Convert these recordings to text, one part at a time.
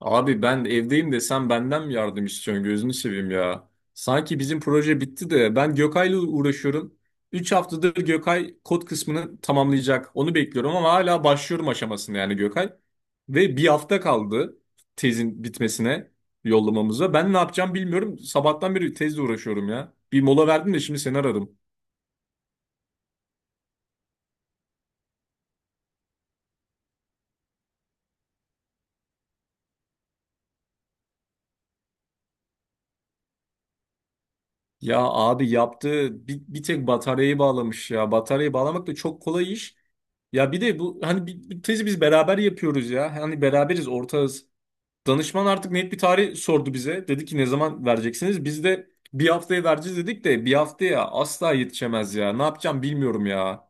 Abi ben evdeyim de sen benden mi yardım istiyorsun gözünü seveyim ya. Sanki bizim proje bitti de ben Gökay'la uğraşıyorum. 3 haftadır Gökay kod kısmını tamamlayacak. Onu bekliyorum ama hala başlıyorum aşamasını yani Gökay. Ve bir hafta kaldı tezin bitmesine yollamamıza. Ben ne yapacağım bilmiyorum. Sabahtan beri tezle uğraşıyorum ya. Bir mola verdim de şimdi seni aradım. Ya abi yaptığı bir tek bataryayı bağlamış ya. Bataryayı bağlamak da çok kolay iş. Ya bir de bu hani bir tezi biz beraber yapıyoruz ya. Hani beraberiz ortağız. Danışman artık net bir tarih sordu bize. Dedi ki ne zaman vereceksiniz? Biz de bir haftaya vereceğiz dedik de bir haftaya asla yetişemez ya. Ne yapacağım bilmiyorum ya.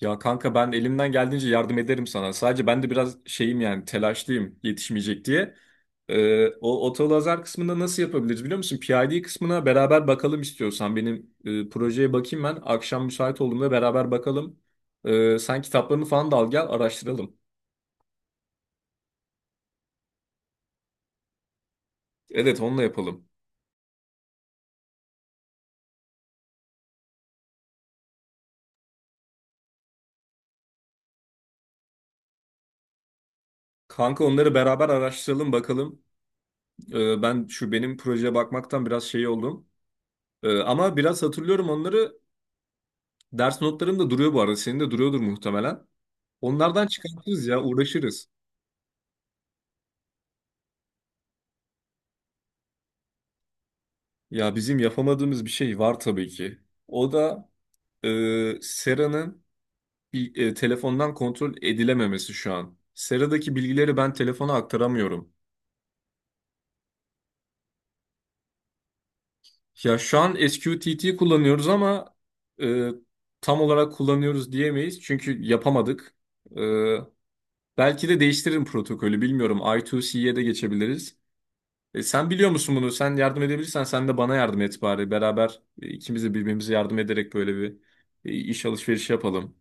Ya kanka ben elimden geldiğince yardım ederim sana. Sadece ben de biraz şeyim yani telaşlıyım yetişmeyecek diye. O otolazar kısmında nasıl yapabiliriz biliyor musun? PID kısmına beraber bakalım istiyorsan. Benim projeye bakayım ben. Akşam müsait olduğumda beraber bakalım. Sen kitaplarını falan da al gel araştıralım. Evet onunla yapalım. Kanka onları beraber araştıralım bakalım. Ben şu benim projeye bakmaktan biraz şey oldum. Ama biraz hatırlıyorum onları. Ders notlarım da duruyor bu arada. Senin de duruyordur muhtemelen. Onlardan çıkartırız ya, uğraşırız. Ya bizim yapamadığımız bir şey var tabii ki. O da Sera'nın telefondan kontrol edilememesi şu an. Sera'daki bilgileri ben telefona aktaramıyorum. Ya şu an SQTT kullanıyoruz ama e, tam olarak kullanıyoruz diyemeyiz çünkü yapamadık. E, belki de değiştiririm protokolü bilmiyorum. I2C'ye de geçebiliriz. Sen biliyor musun bunu? Sen yardım edebilirsen sen de bana yardım et bari. Beraber ikimiz de birbirimize yardım ederek böyle bir iş alışverişi yapalım.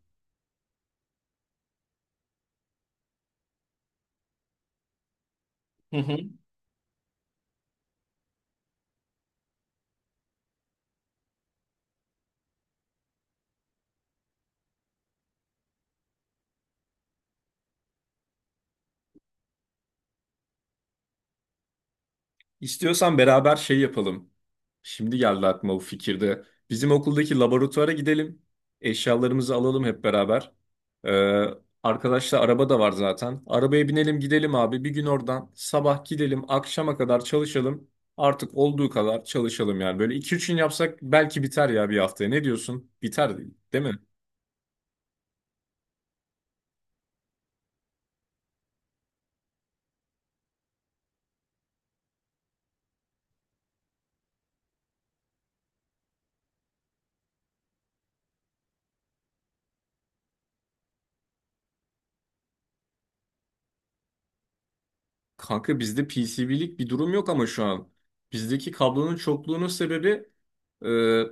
Hı hı. İstiyorsan beraber şey yapalım. Şimdi geldi aklıma bu fikirde. Bizim okuldaki laboratuvara gidelim. Eşyalarımızı alalım hep beraber. Ee, arkadaşlar araba da var zaten. Arabaya binelim gidelim abi. Bir gün oradan sabah gidelim akşama kadar çalışalım. Artık olduğu kadar çalışalım yani. Böyle 2-3 gün yapsak belki biter ya bir haftaya. Ne diyorsun? Biter değil mi? Kanka bizde PCB'lik bir durum yok ama şu an. Bizdeki kablonun çokluğunun sebebi e,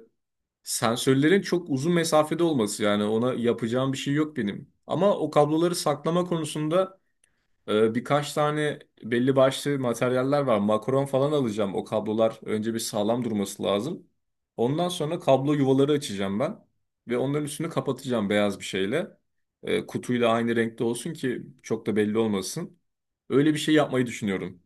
sensörlerin çok uzun mesafede olması. Yani ona yapacağım bir şey yok benim. Ama o kabloları saklama konusunda birkaç tane belli başlı materyaller var. Makaron falan alacağım. O kablolar önce bir sağlam durması lazım. Ondan sonra kablo yuvaları açacağım ben. Ve onların üstünü kapatacağım beyaz bir şeyle. Kutuyla aynı renkte olsun ki çok da belli olmasın. Öyle bir şey yapmayı düşünüyorum.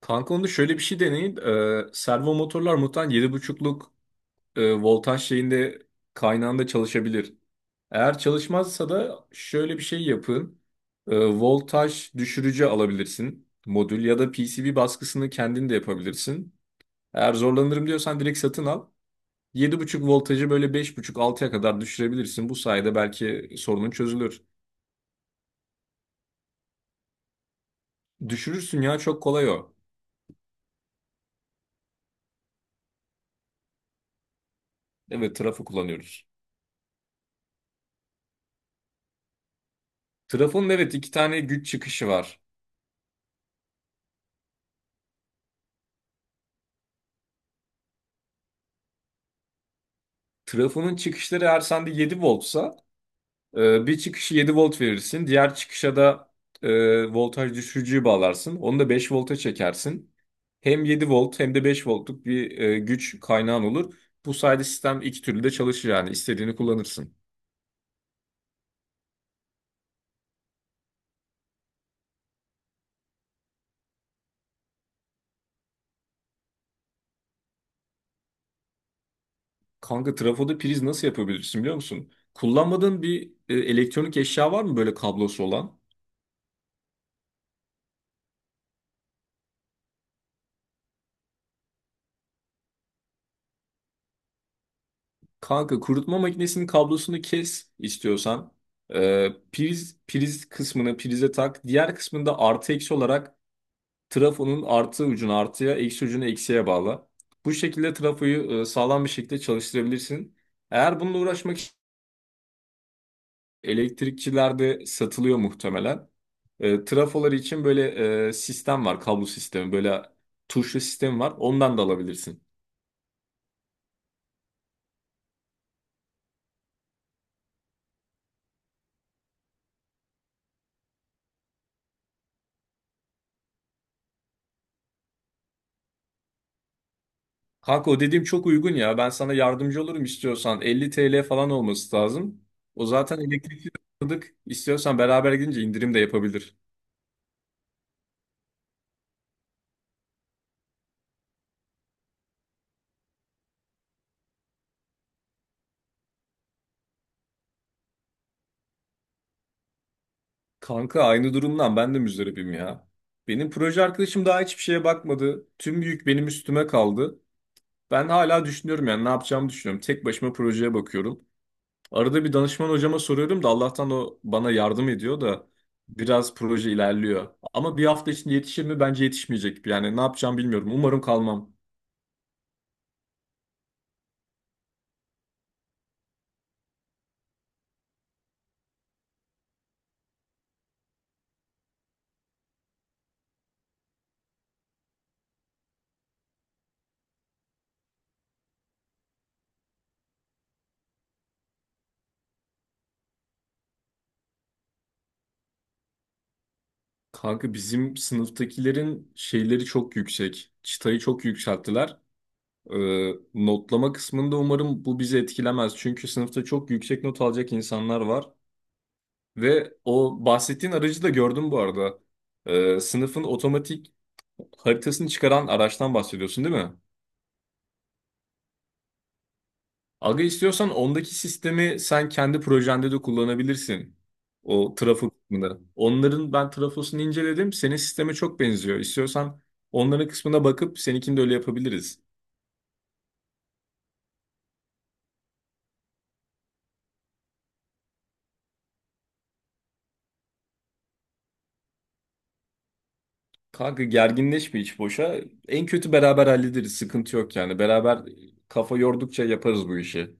Kanka onda şöyle bir şey deneyin. Servo motorlar muhtemelen 7.5'luk voltaj şeyinde kaynağında çalışabilir. Eğer çalışmazsa da şöyle bir şey yapın. Voltaj düşürücü alabilirsin modül ya da PCB baskısını kendin de yapabilirsin. Eğer zorlanırım diyorsan direkt satın al. 7.5 voltajı böyle 5.5-6'ya kadar düşürebilirsin. Bu sayede belki sorunun çözülür. Düşürürsün ya çok kolay o. Evet trafo kullanıyoruz. Trafonun evet iki tane güç çıkışı var. Trafonun çıkışları eğer sende 7 voltsa bir çıkışı 7 volt verirsin. Diğer çıkışa da voltaj düşürücüyü bağlarsın. Onu da 5 volta çekersin. Hem 7 volt hem de 5 voltluk bir güç kaynağın olur. Bu sayede sistem iki türlü de çalışır yani istediğini kullanırsın. Kanka trafoda priz nasıl yapabilirsin biliyor musun? Kullanmadığın bir elektronik eşya var mı böyle kablosu olan? Kanka kurutma makinesinin kablosunu kes istiyorsan. Priz kısmını prize tak. Diğer kısmında artı eksi olarak trafonun artı ucunu artıya, eksi ucunu eksiye bağla. Bu şekilde trafoyu sağlam bir şekilde çalıştırabilirsin. Eğer bununla uğraşmak için elektrikçilerde satılıyor muhtemelen. Trafoları için böyle sistem var, kablo sistemi, böyle tuşlu sistem var. Ondan da alabilirsin. Kanka o dediğim çok uygun ya. Ben sana yardımcı olurum istiyorsan. 50 TL falan olması lazım. O zaten elektrikli aldık. İstiyorsan beraber gidince indirim de yapabilir. Kanka aynı durumdan ben de müzdaribim ya. Benim proje arkadaşım daha hiçbir şeye bakmadı. Tüm yük benim üstüme kaldı. Ben hala düşünüyorum yani ne yapacağımı düşünüyorum. Tek başıma projeye bakıyorum. Arada bir danışman hocama soruyorum da Allah'tan o bana yardım ediyor da biraz proje ilerliyor. Ama bir hafta içinde yetişir mi? Bence yetişmeyecek. Yani ne yapacağımı bilmiyorum. Umarım kalmam. Kanka bizim sınıftakilerin şeyleri çok yüksek. Çıtayı çok yükselttiler. Notlama kısmında umarım bu bizi etkilemez. Çünkü sınıfta çok yüksek not alacak insanlar var. Ve o bahsettiğin aracı da gördüm bu arada. Sınıfın otomatik haritasını çıkaran araçtan bahsediyorsun değil mi? Aga istiyorsan ondaki sistemi sen kendi projende de kullanabilirsin. O trafo kısmını. Onların ben trafosunu inceledim. Senin sisteme çok benziyor. İstiyorsan onların kısmına bakıp seninkini de öyle yapabiliriz. Kanka gerginleşme hiç boşa. En kötü beraber hallederiz. Sıkıntı yok yani. Beraber kafa yordukça yaparız bu işi.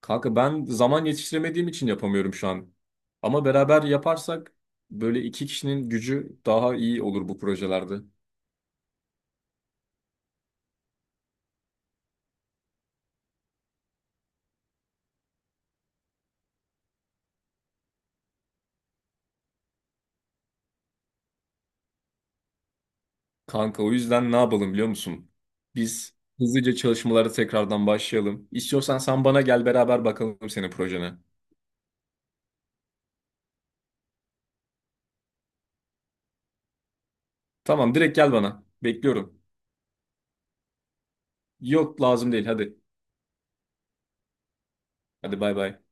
Kanka ben zaman yetiştiremediğim için yapamıyorum şu an. Ama beraber yaparsak böyle iki kişinin gücü daha iyi olur bu projelerde. Kanka o yüzden ne yapalım biliyor musun? Biz hızlıca çalışmalara tekrardan başlayalım. İstiyorsan sen bana gel beraber bakalım senin projene. Tamam direkt gel bana. Bekliyorum. Yok lazım değil hadi. Hadi bay bay.